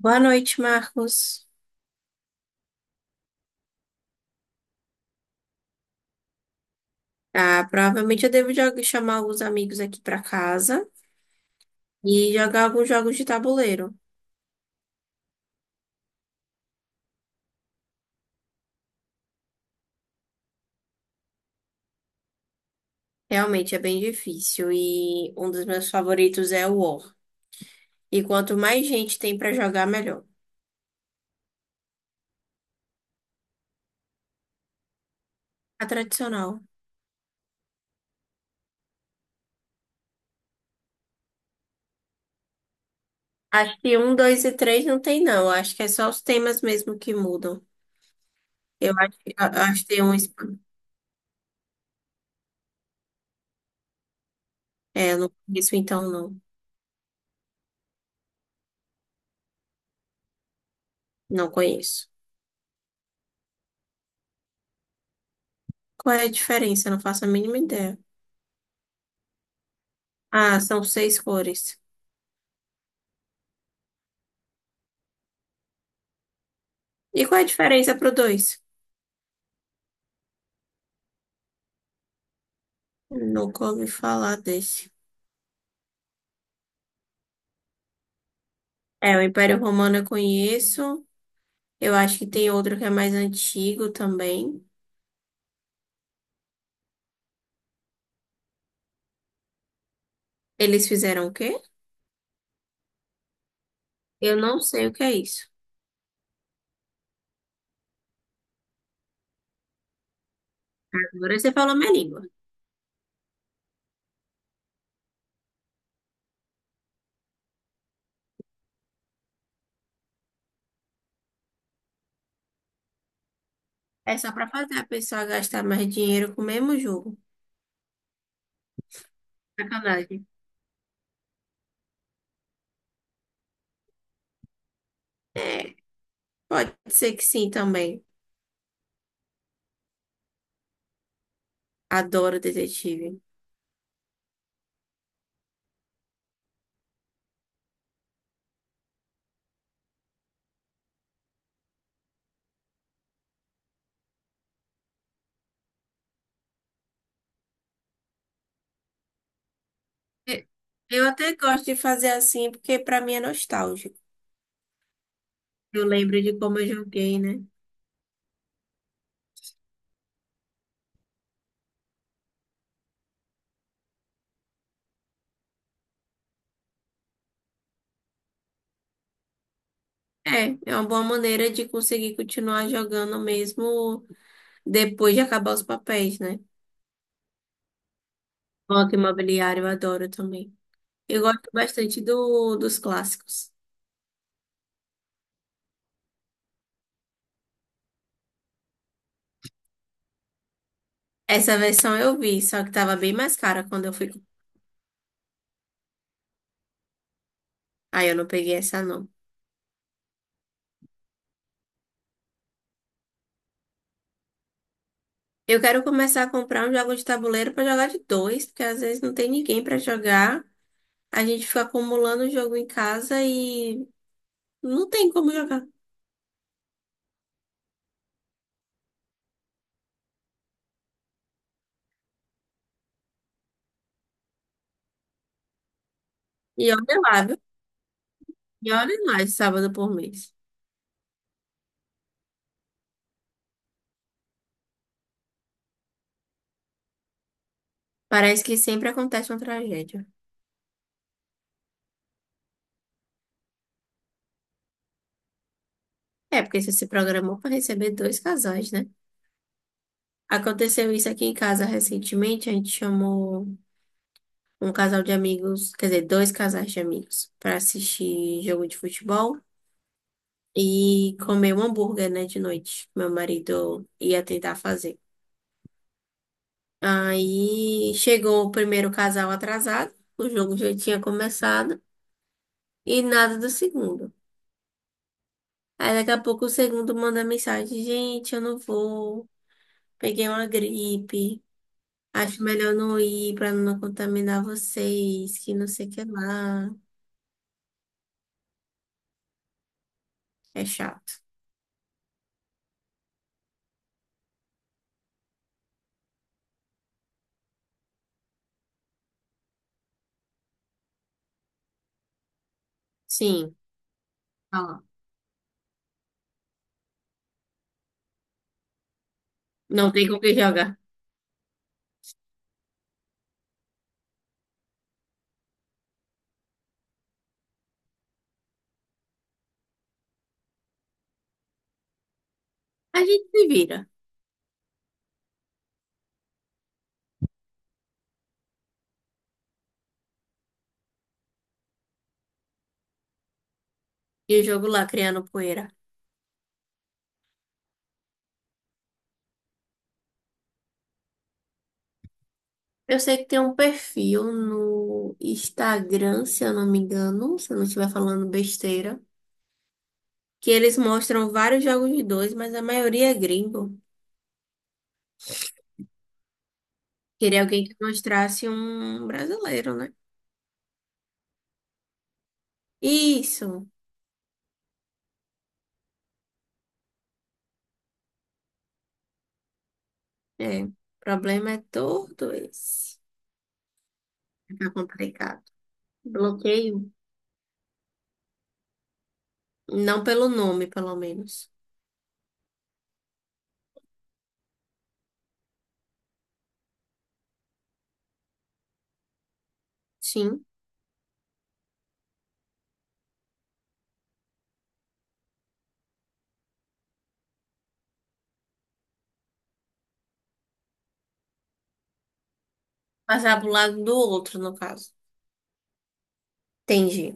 Boa noite, Marcos. Ah, provavelmente eu devo chamar alguns amigos aqui para casa e jogar alguns jogos de tabuleiro. Realmente é bem difícil e um dos meus favoritos é o War. E quanto mais gente tem para jogar, melhor. A tradicional. Acho que um, dois e três não tem, não. Acho que é só os temas mesmo que mudam. Eu acho que tem um. É, eu não conheço, então não. Não conheço. Qual é a diferença? Eu não faço a mínima ideia. Ah, são seis cores. E qual é a diferença pro dois? Nunca ouvi falar desse. É, o Império Romano eu conheço. Eu acho que tem outro que é mais antigo também. Eles fizeram o quê? Eu não sei o que é isso. Agora você falou minha língua. É só pra fazer a pessoa gastar mais dinheiro com o mesmo jogo. Sacanagem. É, pode ser que sim também. Adoro detetive. E- Eu até gosto de fazer assim porque pra mim é nostálgico. Eu lembro de como eu joguei, né? É, é uma boa maneira de conseguir continuar jogando mesmo depois de acabar os papéis, né? Banco Imobiliário, eu adoro também. Eu gosto bastante dos clássicos. Essa versão eu vi, só que tava bem mais cara quando eu fui. Aí eu não peguei essa, não. Eu quero começar a comprar um jogo de tabuleiro pra jogar de dois, porque às vezes não tem ninguém pra jogar. A gente fica acumulando o jogo em casa e não tem como jogar. E olha lá, viu? E olha lá, de sábado por mês. Parece que sempre acontece uma tragédia. É, porque você se programou pra receber dois casais, né? Aconteceu isso aqui em casa recentemente. A gente chamou um casal de amigos, quer dizer, dois casais de amigos, para assistir jogo de futebol e comer um hambúrguer, né, de noite. Meu marido ia tentar fazer. Aí chegou o primeiro casal atrasado, o jogo já tinha começado e nada do segundo. Aí daqui a pouco o segundo manda mensagem: Gente, eu não vou, peguei uma gripe. Acho melhor não ir para não contaminar vocês, que não sei o que lá. É chato. Sim. Ah, não tem com quem jogar. A gente se vira. E eu jogo lá criando poeira. Eu sei que tem um perfil no Instagram, se eu não me engano, se eu não estiver falando besteira, que eles mostram vários jogos de dois, mas a maioria é gringo. Queria alguém que mostrasse um brasileiro, né? Isso. É. O problema é todo esse. Fica complicado. Bloqueio. Não pelo nome, pelo menos. Sim. Passar pro lado do outro, no caso. Entendi.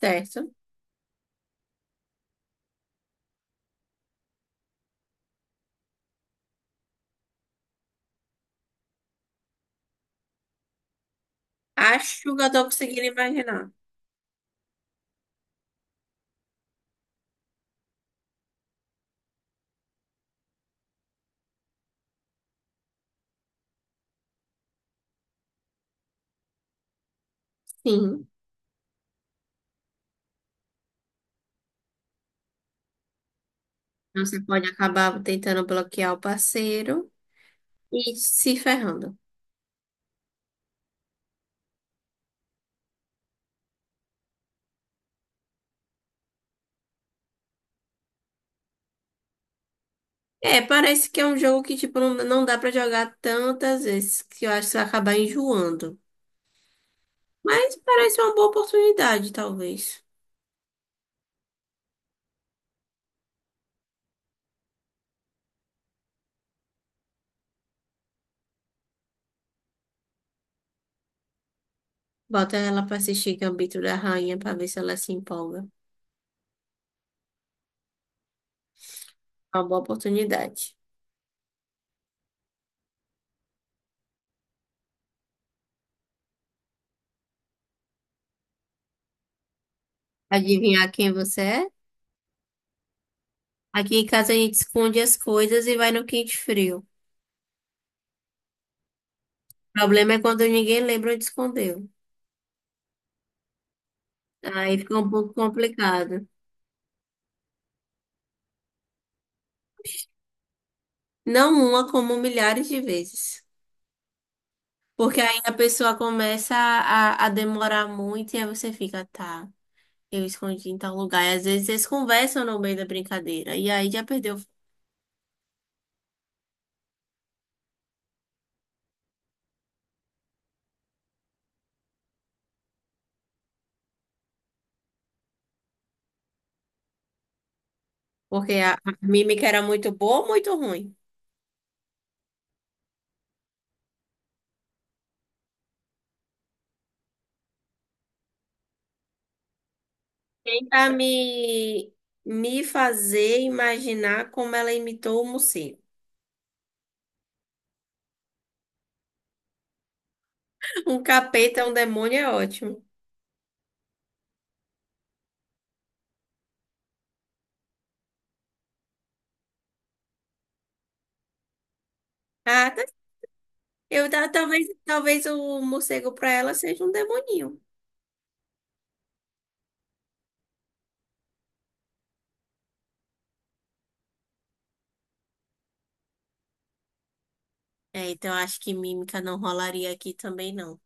Certo. Acho que eu tô conseguindo imaginar. Sim. Então, você pode acabar tentando bloquear o parceiro e se ferrando. É, parece que é um jogo que, tipo, não, não dá pra jogar tantas vezes, que eu acho que você vai acabar enjoando. Mas parece uma boa oportunidade, talvez. Bota ela pra assistir Gambito da Rainha pra ver se ela se empolga. É uma boa oportunidade. Adivinhar quem você é? Aqui em casa a gente esconde as coisas e vai no quente frio. O problema é quando ninguém lembra onde escondeu. Aí fica um pouco complicado. Não uma, como milhares de vezes. Porque aí a pessoa começa a demorar muito e aí você fica, tá, eu escondi em tal lugar. E às vezes eles conversam no meio da brincadeira. E aí já perdeu. Porque a mímica era muito boa ou muito ruim? Tenta me fazer imaginar como ela imitou o morcego. Um capeta, um demônio é ótimo. Ah, tá. Eu, talvez, talvez o morcego pra ela seja um demoninho. É, então eu acho que mímica não rolaria aqui também, não.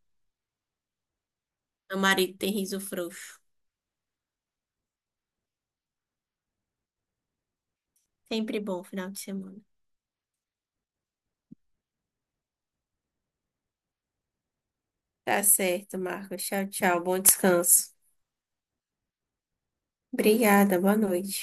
Meu marido tem riso frouxo. Sempre bom final de semana. Tá certo, Marcos. Tchau, tchau. Bom descanso. Obrigada, boa noite.